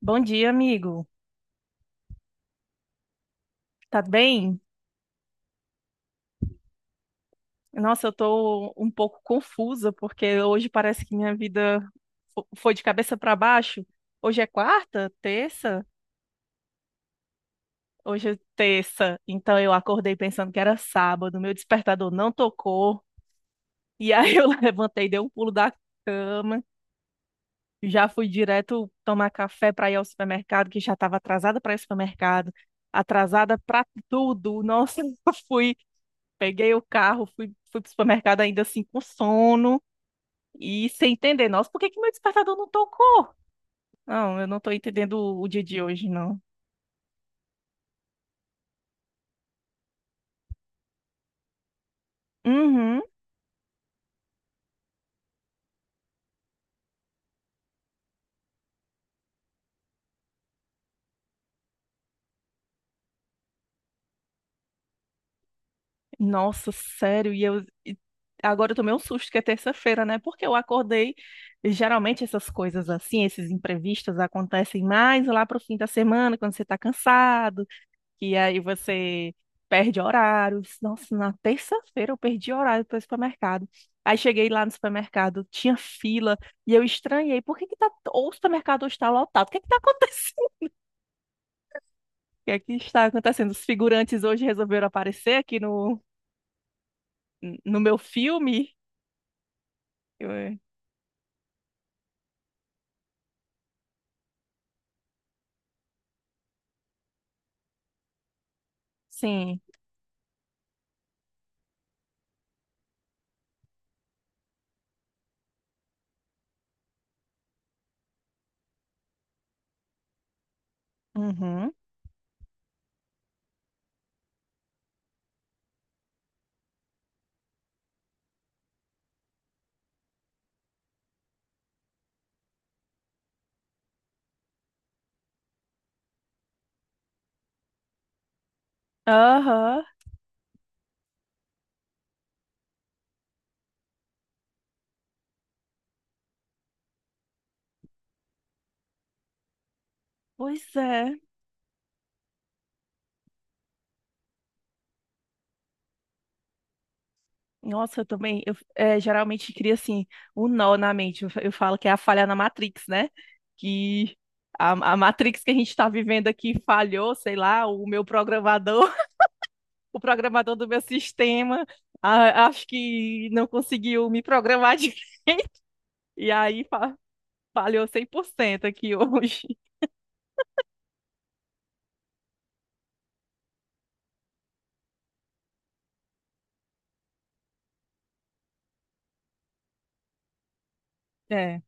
Bom dia, amigo. Tá bem? Nossa, eu tô um pouco confusa porque hoje parece que minha vida foi de cabeça para baixo. Hoje é quarta, terça? Hoje é terça. Então eu acordei pensando que era sábado, meu despertador não tocou. E aí eu levantei, dei um pulo da cama, já fui direto tomar café para ir ao supermercado, que já estava atrasada para ir ao supermercado, atrasada para tudo. Nossa, eu fui peguei o carro, fui pro supermercado ainda assim com sono e sem entender. Nossa, por que que meu despertador não tocou? Não, eu não tô entendendo o dia de hoje, não. Uhum. Nossa, sério. E eu e Agora eu tomei um susto que é terça-feira, né? Porque eu acordei. Geralmente essas coisas assim, esses imprevistos acontecem mais lá pro fim da semana, quando você tá cansado que aí você perde horários. Nossa, na terça-feira eu perdi horário para o supermercado. Aí cheguei lá no supermercado, tinha fila, e eu estranhei, por que que tá, ou o supermercado hoje está lotado? O que que tá acontecendo? O que é que está acontecendo? Os figurantes hoje resolveram aparecer aqui no meu filme? Eu- Sim. Uhum. Aham. Pois é. Nossa, eu também, eu geralmente cria assim, um nó na mente. Eu falo que é a falha na Matrix, né? Que a Matrix que a gente está vivendo aqui falhou, sei lá, o meu programador, o programador do meu sistema, acho que não conseguiu me programar de... E aí falhou 100% aqui hoje. É.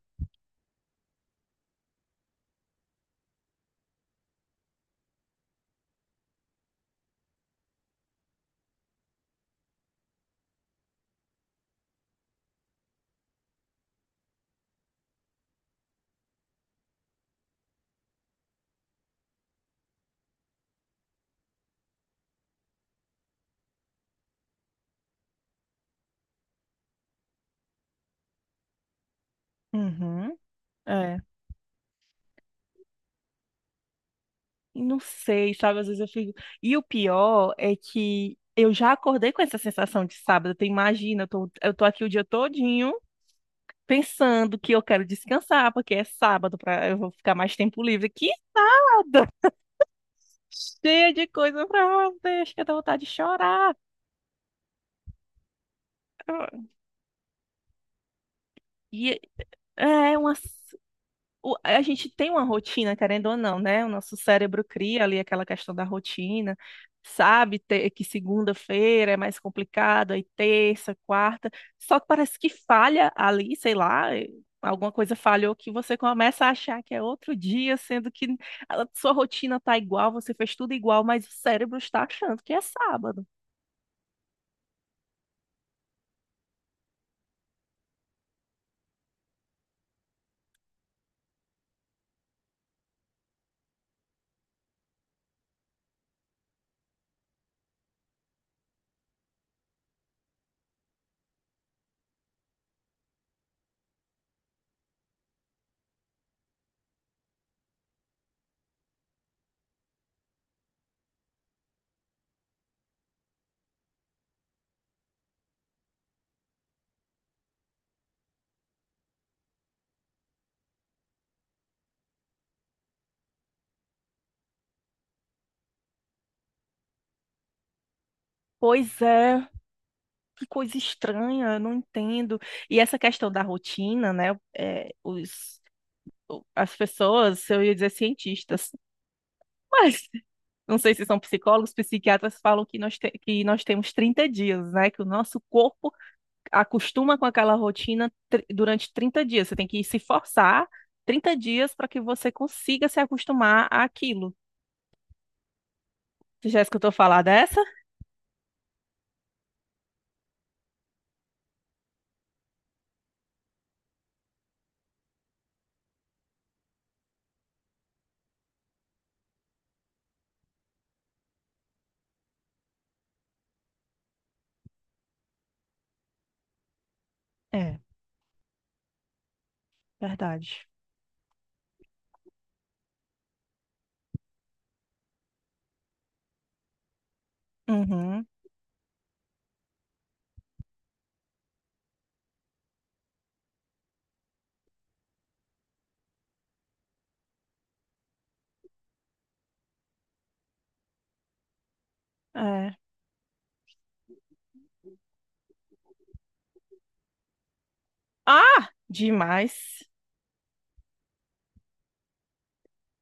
Uhum. Não sei, sabe? Às vezes eu fico. E o pior é que eu já acordei com essa sensação de sábado. Tu imagina, eu tô aqui o dia todinho pensando que eu quero descansar, porque é sábado, pra, eu vou ficar mais tempo livre. Que sábado! Cheia de coisa pra fazer, acho que dá vontade de chorar. E é é uma a gente tem uma rotina, querendo ou não, né? O nosso cérebro cria ali aquela questão da rotina, sabe que segunda-feira é mais complicado, aí terça, quarta, só que parece que falha ali, sei lá, alguma coisa falhou que você começa a achar que é outro dia, sendo que a sua rotina tá igual, você fez tudo igual, mas o cérebro está achando que é sábado. Pois é, que coisa estranha, eu não entendo. E essa questão da rotina, né? Os as pessoas, eu ia dizer cientistas, mas não sei se são psicólogos, psiquiatras falam que que nós temos 30 dias, né? Que o nosso corpo acostuma com aquela rotina durante 30 dias. Você tem que se forçar 30 dias para que você consiga se acostumar àquilo. Você já escutou falar dessa? É, verdade. Uhum, é. Ah, demais.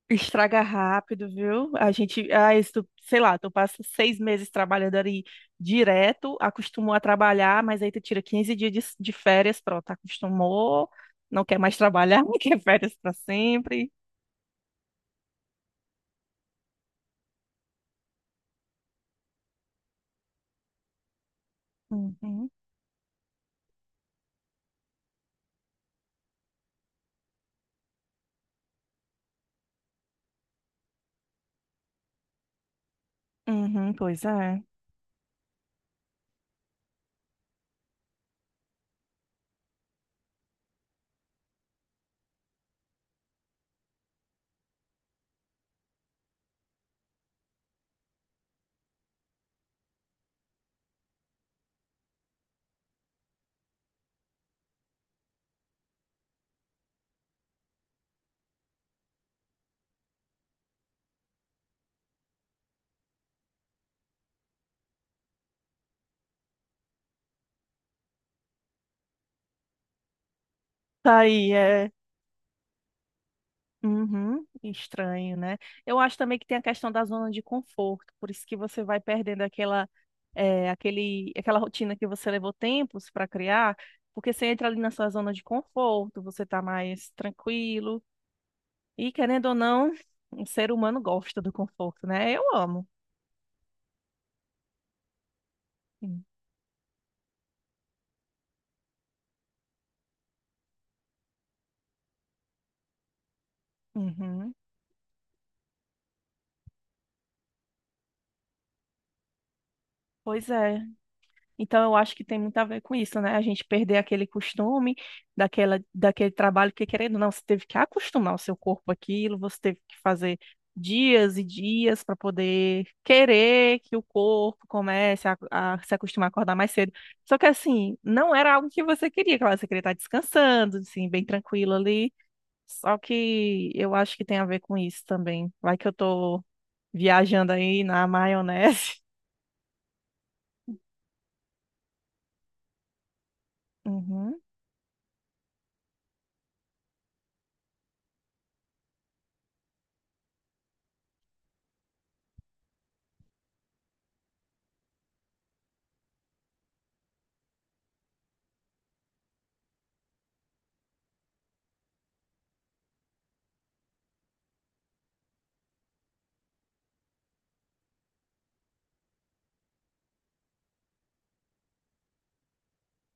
Estraga rápido, viu? A gente, ah, isso, sei lá, tu passa 6 meses trabalhando ali direto, acostumou a trabalhar, mas aí tu tira 15 dias de férias, pronto, acostumou, não quer mais trabalhar, não quer férias para sempre. Uhum, uhum, pois é. Tá aí, é. Uhum, estranho, né? Eu acho também que tem a questão da zona de conforto, por isso que você vai perdendo aquela, aquela rotina que você levou tempos para criar, porque você entra ali na sua zona de conforto, você tá mais tranquilo, e querendo ou não, o ser humano gosta do conforto, né? Eu amo. Hum. Uhum. Pois é. Então, eu acho que tem muito a ver com isso, né? A gente perder aquele costume, daquela, daquele trabalho que, querendo ou não, você teve que acostumar o seu corpo àquilo, você teve que fazer dias e dias para poder querer que o corpo comece a se acostumar a acordar mais cedo. Só que, assim, não era algo que você queria, claro, você queria estar descansando, assim, bem tranquilo ali. Só que eu acho que tem a ver com isso também. Vai que eu tô viajando aí na maionese. Uhum,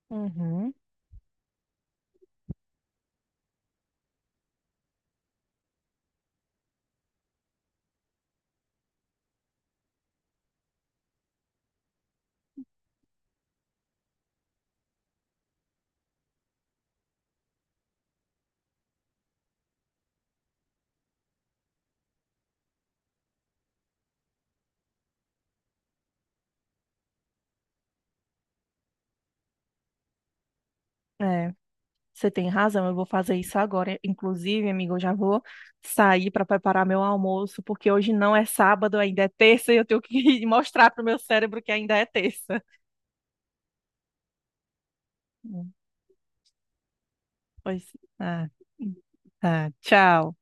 uhum. É, você tem razão, eu vou fazer isso agora. Inclusive, amigo, eu já vou sair para preparar meu almoço, porque hoje não é sábado, ainda é terça, e eu tenho que mostrar para o meu cérebro que ainda é terça. Hum. Pois, ah, ah, tchau.